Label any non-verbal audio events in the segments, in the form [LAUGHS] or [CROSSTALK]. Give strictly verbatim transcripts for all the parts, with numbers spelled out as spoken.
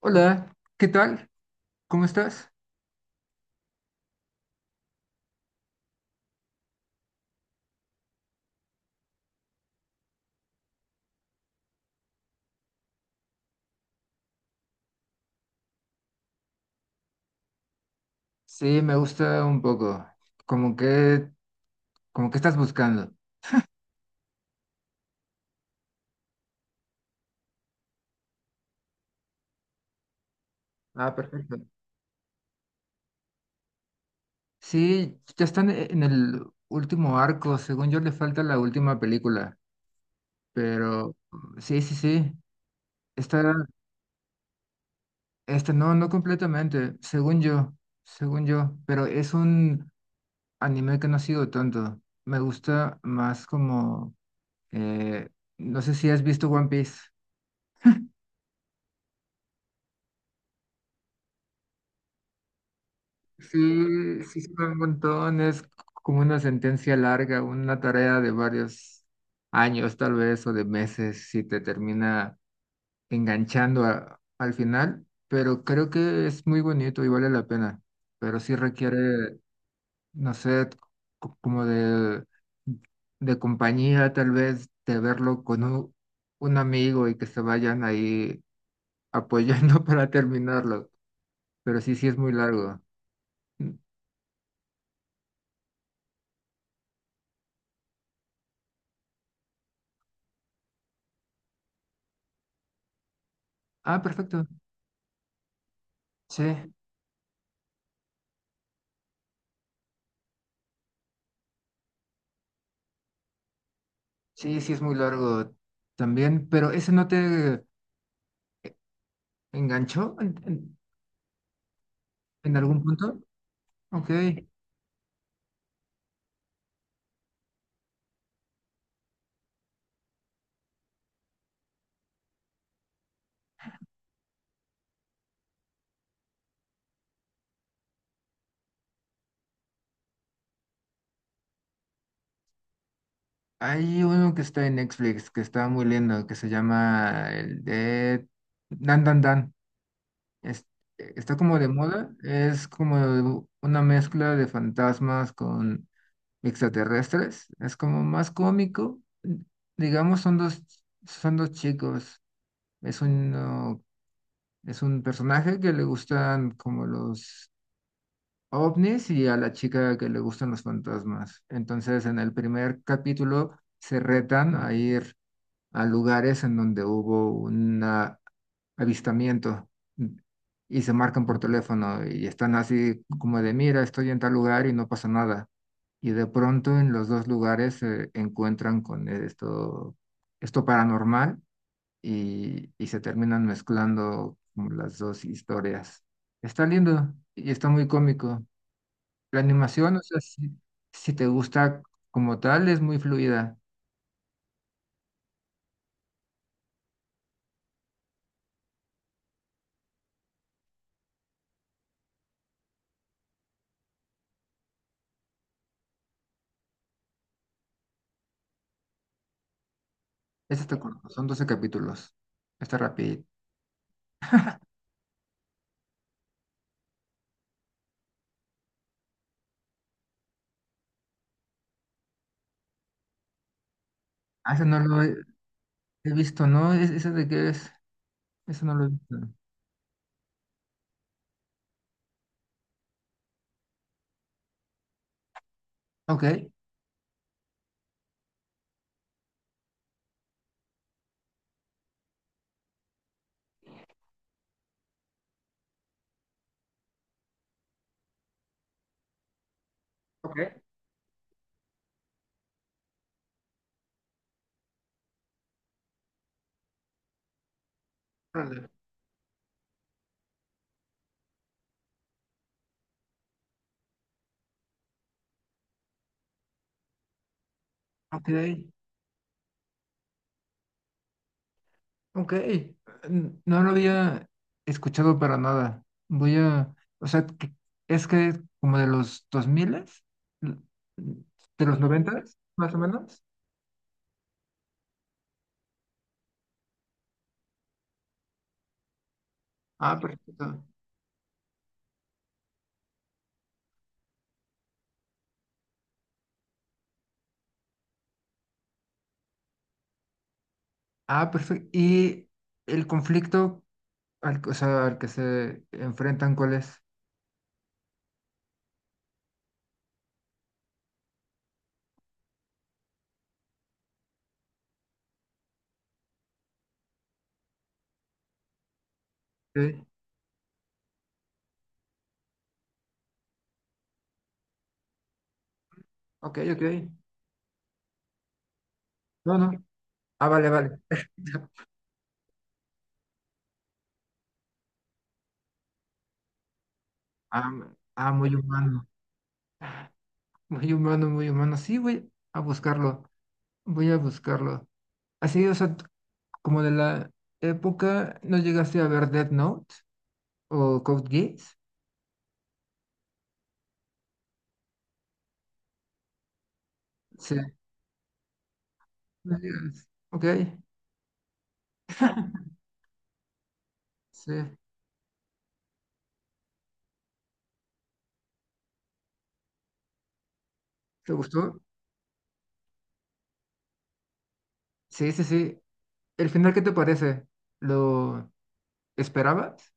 Hola, ¿qué tal? ¿Cómo estás? Sí, me gusta un poco. Como que, como que estás buscando. Ah, perfecto. Sí, ya están e- en el último arco. Según yo, le falta la última película. Pero mm, sí, sí, sí. Está, está, no, no completamente. Según yo, según yo. Pero es un anime que no ha sido tanto. Me gusta más como, eh, no sé si has visto One Piece. Sí, sí, son un montón. Es como una sentencia larga, una tarea de varios años, tal vez, o de meses, si te termina enganchando a- al final. Pero creo que es muy bonito y vale la pena. Pero sí requiere, no sé, c- como de, de compañía, tal vez, de verlo con un, un amigo y que se vayan ahí apoyando [LAUGHS] para terminarlo. Pero sí, sí es muy largo. Mm. Ah, perfecto. Sí. Sí, sí es muy largo también, pero ¿ese no te enganchó en, en- en algún punto? Ok. Hay uno que está en Netflix, que está muy lindo, que se llama el de Dan Dan Dan. Es- Está como de moda, es como una mezcla de fantasmas con extraterrestres. Es como más cómico. Digamos, son dos, son dos chicos. Es uno, es un personaje que le gustan como los ovnis y a la chica que le gustan los fantasmas. Entonces, en el primer capítulo se retan a ir a lugares en donde hubo un ah, avistamiento mm, y se marcan por teléfono y están así como de, mira, estoy en tal lugar y no pasa nada. Y de pronto en los dos lugares se encuentran con esto, esto paranormal y, y se terminan mezclando como las dos historias. Está lindo y está muy cómico. La animación, o sea, si, si te gusta como tal, es muy fluida. Esa está corta, son doce capítulos. Está rápido. Ah, ese no lo he, he visto, ¿no? ¿Es- ¿Ese de qué es? Ese no lo he visto. Ok. Ok. Órale. Ok. Ok. N- No lo había escuchado para nada. Voy a... O sea, que- es que como de los dos mil, de los noventa más o menos. Ah, perfecto. Ah, perfecto. Y el conflicto... al, o sea, al que se enfrentan, ¿cuál es? Sí, Ok, ok. No, no. Ah, vale, vale. Ah, m- ah, muy humano. [LAUGHS] Muy humano, muy humano. Sí, voy a buscarlo. Voy a buscarlo. Así, o sea, t- como de la época, ¿no llegaste a ver Death Note o Code Geass? Sí. No llegas. Ok, sí. ¿Te gustó? Sí, sí, sí. ¿El final qué te parece? ¿Lo esperabas?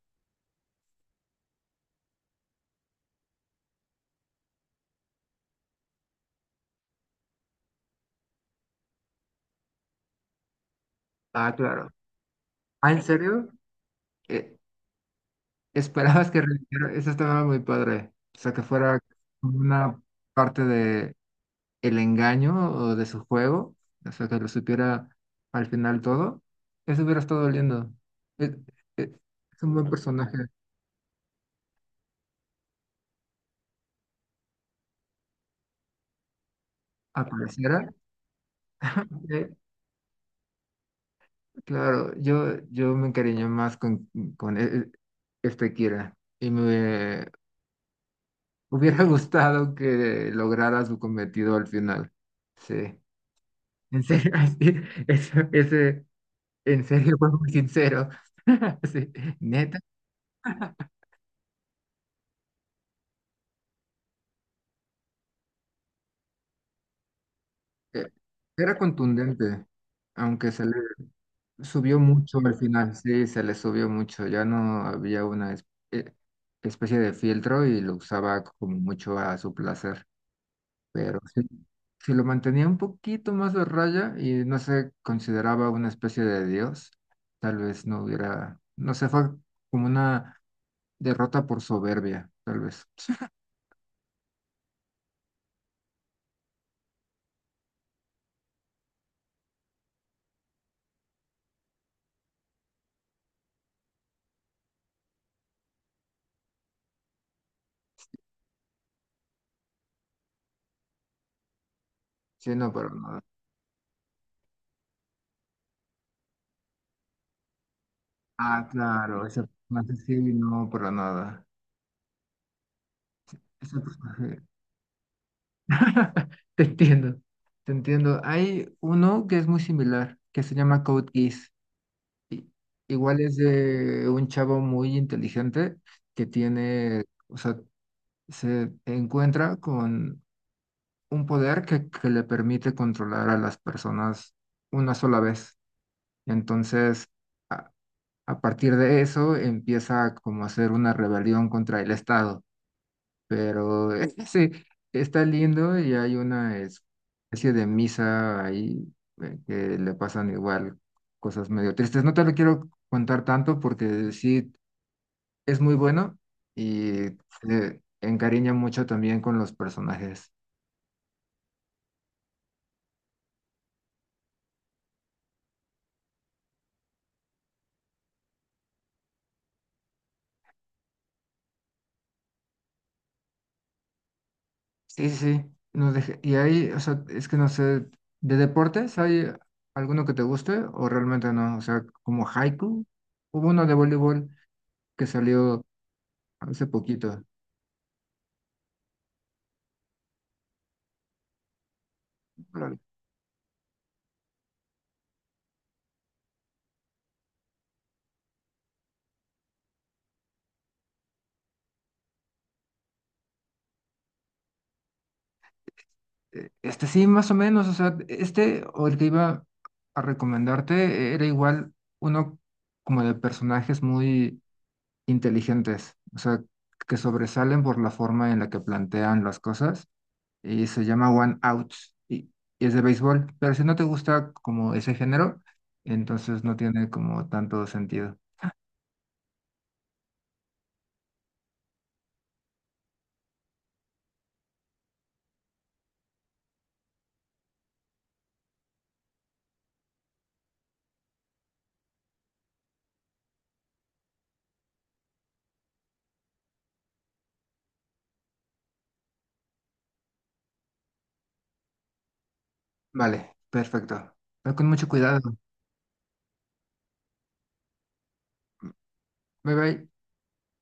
Ah, claro. ¿Ah, en serio? E- Esperabas que reviviera, eso estaba muy padre. O sea, que fuera como una parte de el engaño o de su juego, o sea, que lo supiera al final todo. Eso hubiera estado lindo. Es, es- es un buen personaje. Apareciera. [LAUGHS] eh, claro, yo, yo me encariñé más con, con e- e- este Kira y me hubiera [LAUGHS] gustado que lograra su cometido al final. Sí. En serio, [LAUGHS] así, eso- ese. En serio, [LAUGHS] fue muy sincero. [LAUGHS] Sí, neta, eh, era contundente, aunque se le subió mucho al final. Sí, se le subió mucho. Ya no había una es- eh, especie de filtro y lo usaba como mucho a su placer. Pero sí, si lo mantenía un poquito más de raya y no se consideraba una especie de dios, tal vez no hubiera, no sé, fue como una derrota por soberbia, tal vez. [LAUGHS] Sí, no, pero nada. Ah, claro, ese personaje sí, no, para nada. Ese personaje. [LAUGHS] Te entiendo, te entiendo. Hay uno que es muy similar, que se llama Code Geass. Igual es de un chavo muy inteligente que tiene, o sea, se encuentra con un poder que, que le permite controlar a las personas una sola vez. Entonces, a, a partir de eso empieza como a hacer una rebelión contra el Estado. Pero [LAUGHS] eh, sí está lindo y hay una especie de misa ahí eh, que le pasan igual cosas medio tristes. No te lo quiero contar tanto porque sí es muy bueno y se encariña mucho también con los personajes. Sí, sí, no deje- y ahí, o sea, es que no sé, ¿de deportes hay alguno que te guste o realmente no? O sea, como haiku, hubo uno de voleibol que salió hace poquito. Eh, Este sí, más o menos, o sea, este o el que iba a recomendarte era igual uno como de personajes muy inteligentes, o sea, que sobresalen por la forma en la que plantean las cosas y se llama One Out y, y es de béisbol, pero si no te gusta como ese género, entonces no tiene como tanto sentido. Vale, perfecto. Ve con mucho cuidado. Bye bye.